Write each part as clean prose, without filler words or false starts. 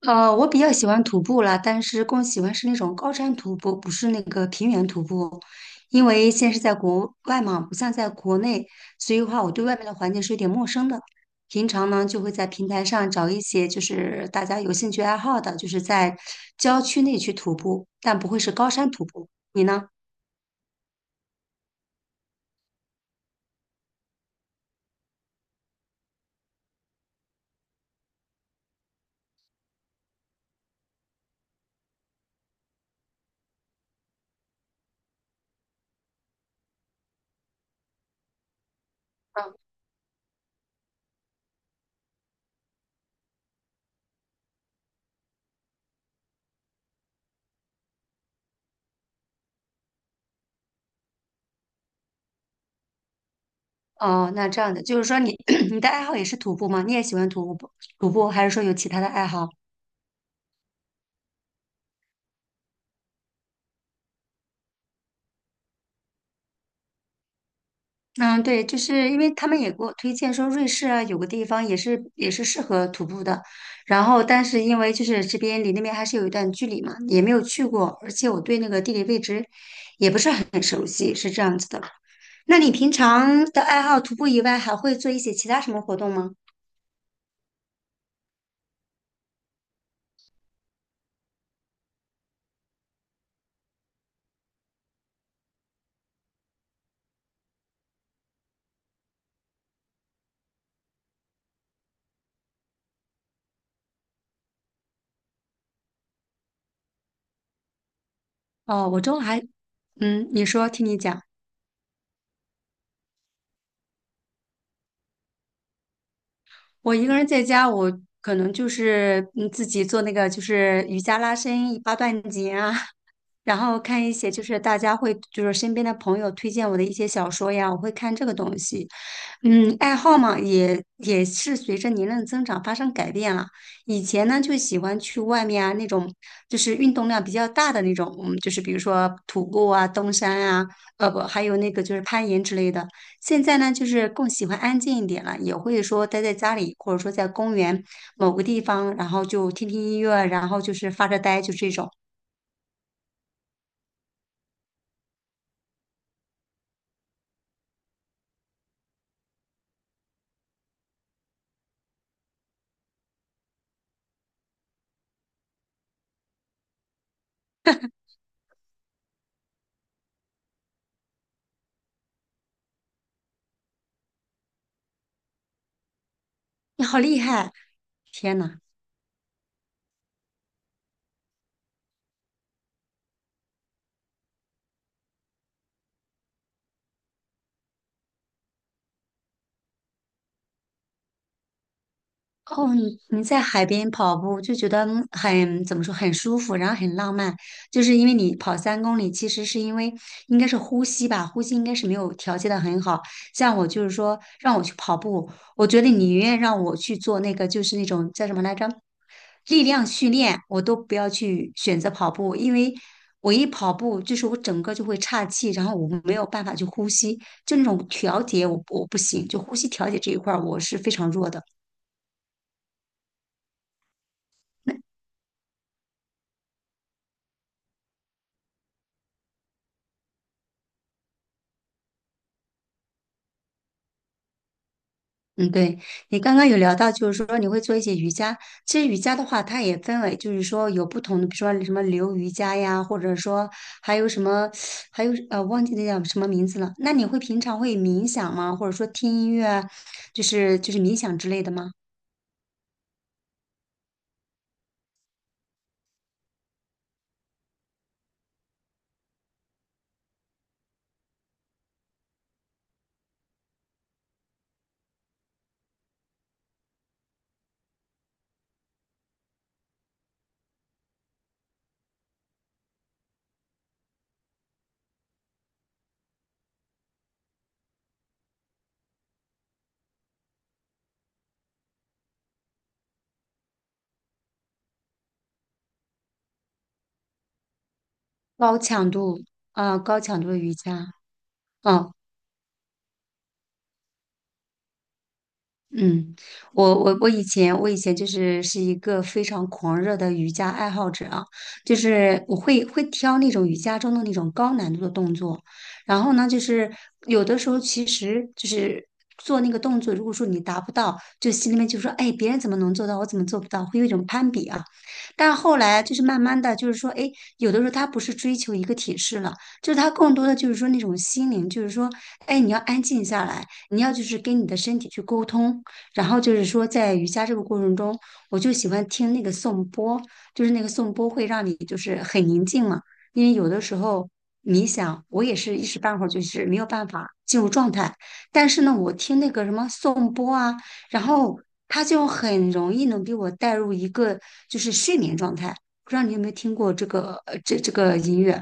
我比较喜欢徒步啦，但是更喜欢是那种高山徒步，不是那个平原徒步。因为现在是在国外嘛，不像在国内，所以的话，我对外面的环境是有点陌生的。平常呢，就会在平台上找一些就是大家有兴趣爱好的，就是在郊区内去徒步，但不会是高山徒步。你呢？嗯哦，那这样的，就是说你 你的爱好也是徒步吗？你也喜欢徒步，还是说有其他的爱好？嗯，对，就是因为他们也给我推荐说瑞士啊，有个地方也是适合徒步的，然后但是因为就是这边离那边还是有一段距离嘛，也没有去过，而且我对那个地理位置也不是很熟悉，是这样子的。那你平常的爱好徒步以外，还会做一些其他什么活动吗？哦，我周还，嗯，你说，听你讲。我一个人在家，我可能就是自己做那个就是瑜伽拉伸、八段锦啊，然后看一些就是大家会就是身边的朋友推荐我的一些小说呀，我会看这个东西。嗯，爱好嘛，也是随着年龄的增长发生改变了。以前呢就喜欢去外面啊那种就是运动量比较大的那种，嗯，就是比如说徒步啊、登山啊，呃不，还有那个就是攀岩之类的。现在呢就是更喜欢安静一点了，也会说待在家里或者说在公园某个地方，然后就听听音乐，然后就是发着呆，就这种。你好厉害！天呐，哦，你你在海边跑步就觉得很，怎么说，很舒服，然后很浪漫，就是因为你跑3公里，其实是因为应该是呼吸吧，呼吸应该是没有调节的很好。像我就是说让我去跑步，我觉得你宁愿让我去做那个就是那种叫什么来着，力量训练，我都不要去选择跑步，因为我一跑步就是我整个就会岔气，然后我没有办法去呼吸，就那种调节我不行，就呼吸调节这一块儿我是非常弱的。嗯，对，你刚刚有聊到，就是说你会做一些瑜伽。其实瑜伽的话，它也分为，就是说有不同的，比如说什么流瑜伽呀，或者说还有什么，还有忘记那叫什么名字了。那你会平常会冥想吗？或者说听音乐啊，就是冥想之类的吗？高强度啊，高强度的瑜伽，嗯。嗯，我我以前就是是一个非常狂热的瑜伽爱好者啊，就是我会挑那种瑜伽中的那种高难度的动作，然后呢，就是有的时候其实就是做那个动作，如果说你达不到，就心里面就说，哎，别人怎么能做到，我怎么做不到，会有一种攀比啊。但后来就是慢慢的，就是说，哎，有的时候他不是追求一个体式了，就是他更多的就是说那种心灵，就是说，哎，你要安静下来。你要就是跟你的身体去沟通，然后就是说，在瑜伽这个过程中，我就喜欢听那个颂钵，就是那个颂钵会让你就是很宁静嘛。因为有的时候冥想，我也是一时半会儿就是没有办法进入状态。但是呢，我听那个什么颂钵啊，然后它就很容易能给我带入一个就是睡眠状态。不知道你有没有听过这个这个音乐？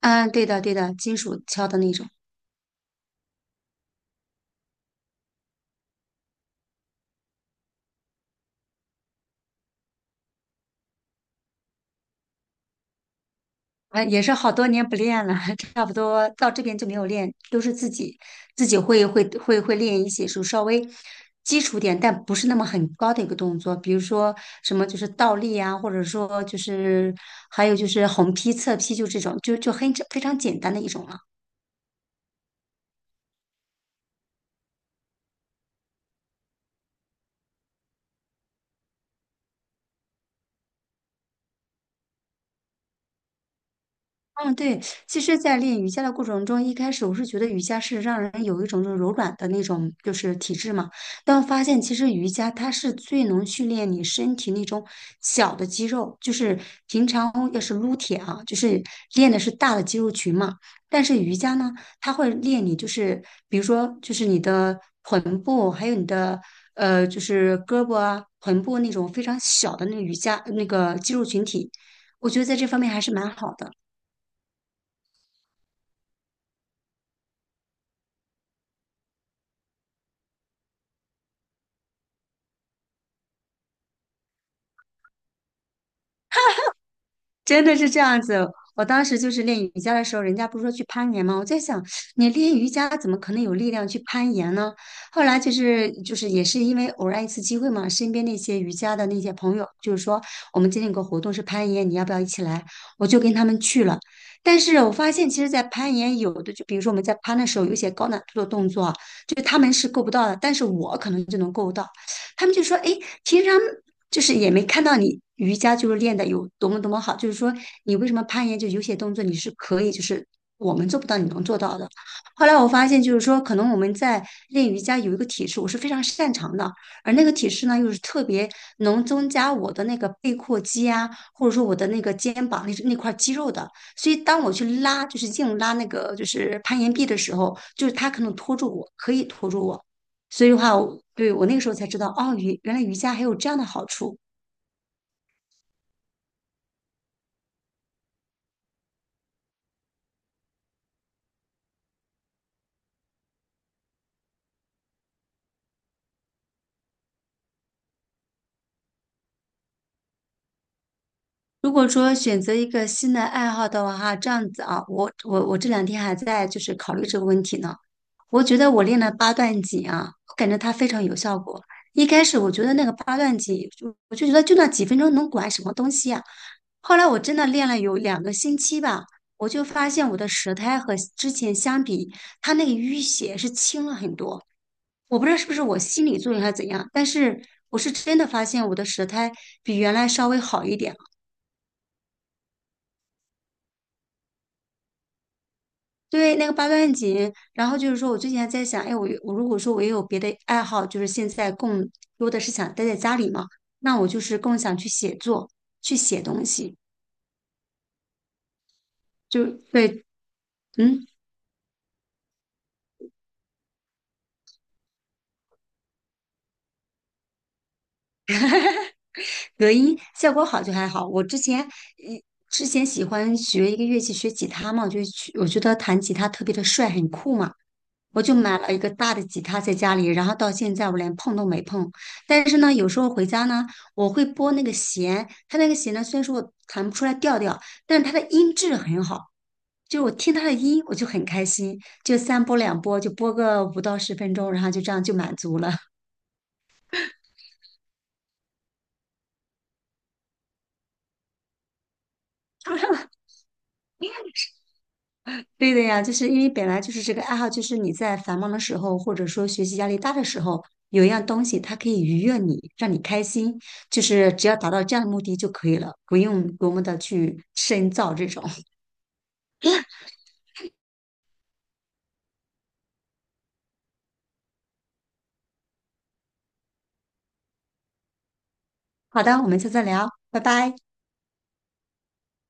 嗯，对的，金属敲的那种。也是好多年不练了，差不多到这边就没有练，都是自己会练一些，就稍微基础点，但不是那么很高的一个动作，比如说什么就是倒立啊，或者说就是还有就是横劈、侧劈，就这种，就很非常简单的一种了。嗯，对，其实，在练瑜伽的过程中，一开始我是觉得瑜伽是让人有一种就是柔软的那种就是体质嘛，但我发现其实瑜伽它是最能训练你身体那种小的肌肉，就是平常要是撸铁啊，就是练的是大的肌肉群嘛，但是瑜伽呢，它会练你就是比如说就是你的臀部，还有你的就是胳膊啊、臀部那种非常小的那个瑜伽那个肌肉群体，我觉得在这方面还是蛮好的。真的是这样子。我当时就是练瑜伽的时候，人家不是说去攀岩吗？我在想，你练瑜伽怎么可能有力量去攀岩呢？后来就是也是因为偶然一次机会嘛，身边那些瑜伽的那些朋友，就是说我们今天有个活动是攀岩，你要不要一起来？我就跟他们去了。但是我发现，其实，在攀岩有的就比如说我们在攀的时候，有一些高难度的动作啊，就他们是够不到的，但是我可能就能够到。他们就说：“哎，平常。”就是也没看到你瑜伽就是练的有多么多么好，就是说你为什么攀岩就有些动作你是可以，就是我们做不到你能做到的。后来我发现就是说，可能我们在练瑜伽有一个体式我是非常擅长的，而那个体式呢又是特别能增加我的那个背阔肌啊，或者说我的那个肩膀那块肌肉的。所以当我去拉就是硬拉那个就是攀岩壁的时候，就是它可能拖住我，可以拖住我。所以的话，我那个时候才知道，哦，原来瑜伽还有这样的好处。如果说选择一个新的爱好的话，哈，这样子啊，我这两天还在就是考虑这个问题呢。我觉得我练了八段锦啊，我感觉它非常有效果。一开始我觉得那个八段锦，我就觉得就那几分钟能管什么东西啊？后来我真的练了有2个星期吧，我就发现我的舌苔和之前相比，它那个淤血是轻了很多。我不知道是不是我心理作用还是怎样，但是我是真的发现我的舌苔比原来稍微好一点。对，那个八段锦，然后就是说我最近还在想，哎，我如果说我也有别的爱好，就是现在更多的是想待在家里嘛，那我就是更想去写作，去写东西，就对，嗯，隔音效果好就还好。我之前，一之前喜欢学一个乐器，学吉他嘛，我就去，我觉得弹吉他特别的帅，很酷嘛。我就买了一个大的吉他在家里，然后到现在我连碰都没碰。但是呢，有时候回家呢，我会拨那个弦，它那个弦呢，虽然说我弹不出来调调，但是它的音质很好，就是我听它的音我就很开心，就三拨两拨就拨个5到10分钟，然后就这样就满足了。对的呀，就是因为本来就是这个爱好，就是你在繁忙的时候，或者说学习压力大的时候，有一样东西它可以愉悦你，让你开心，就是只要达到这样的目的就可以了，不用多么的去深造这种。好的，我们下次再聊，拜拜。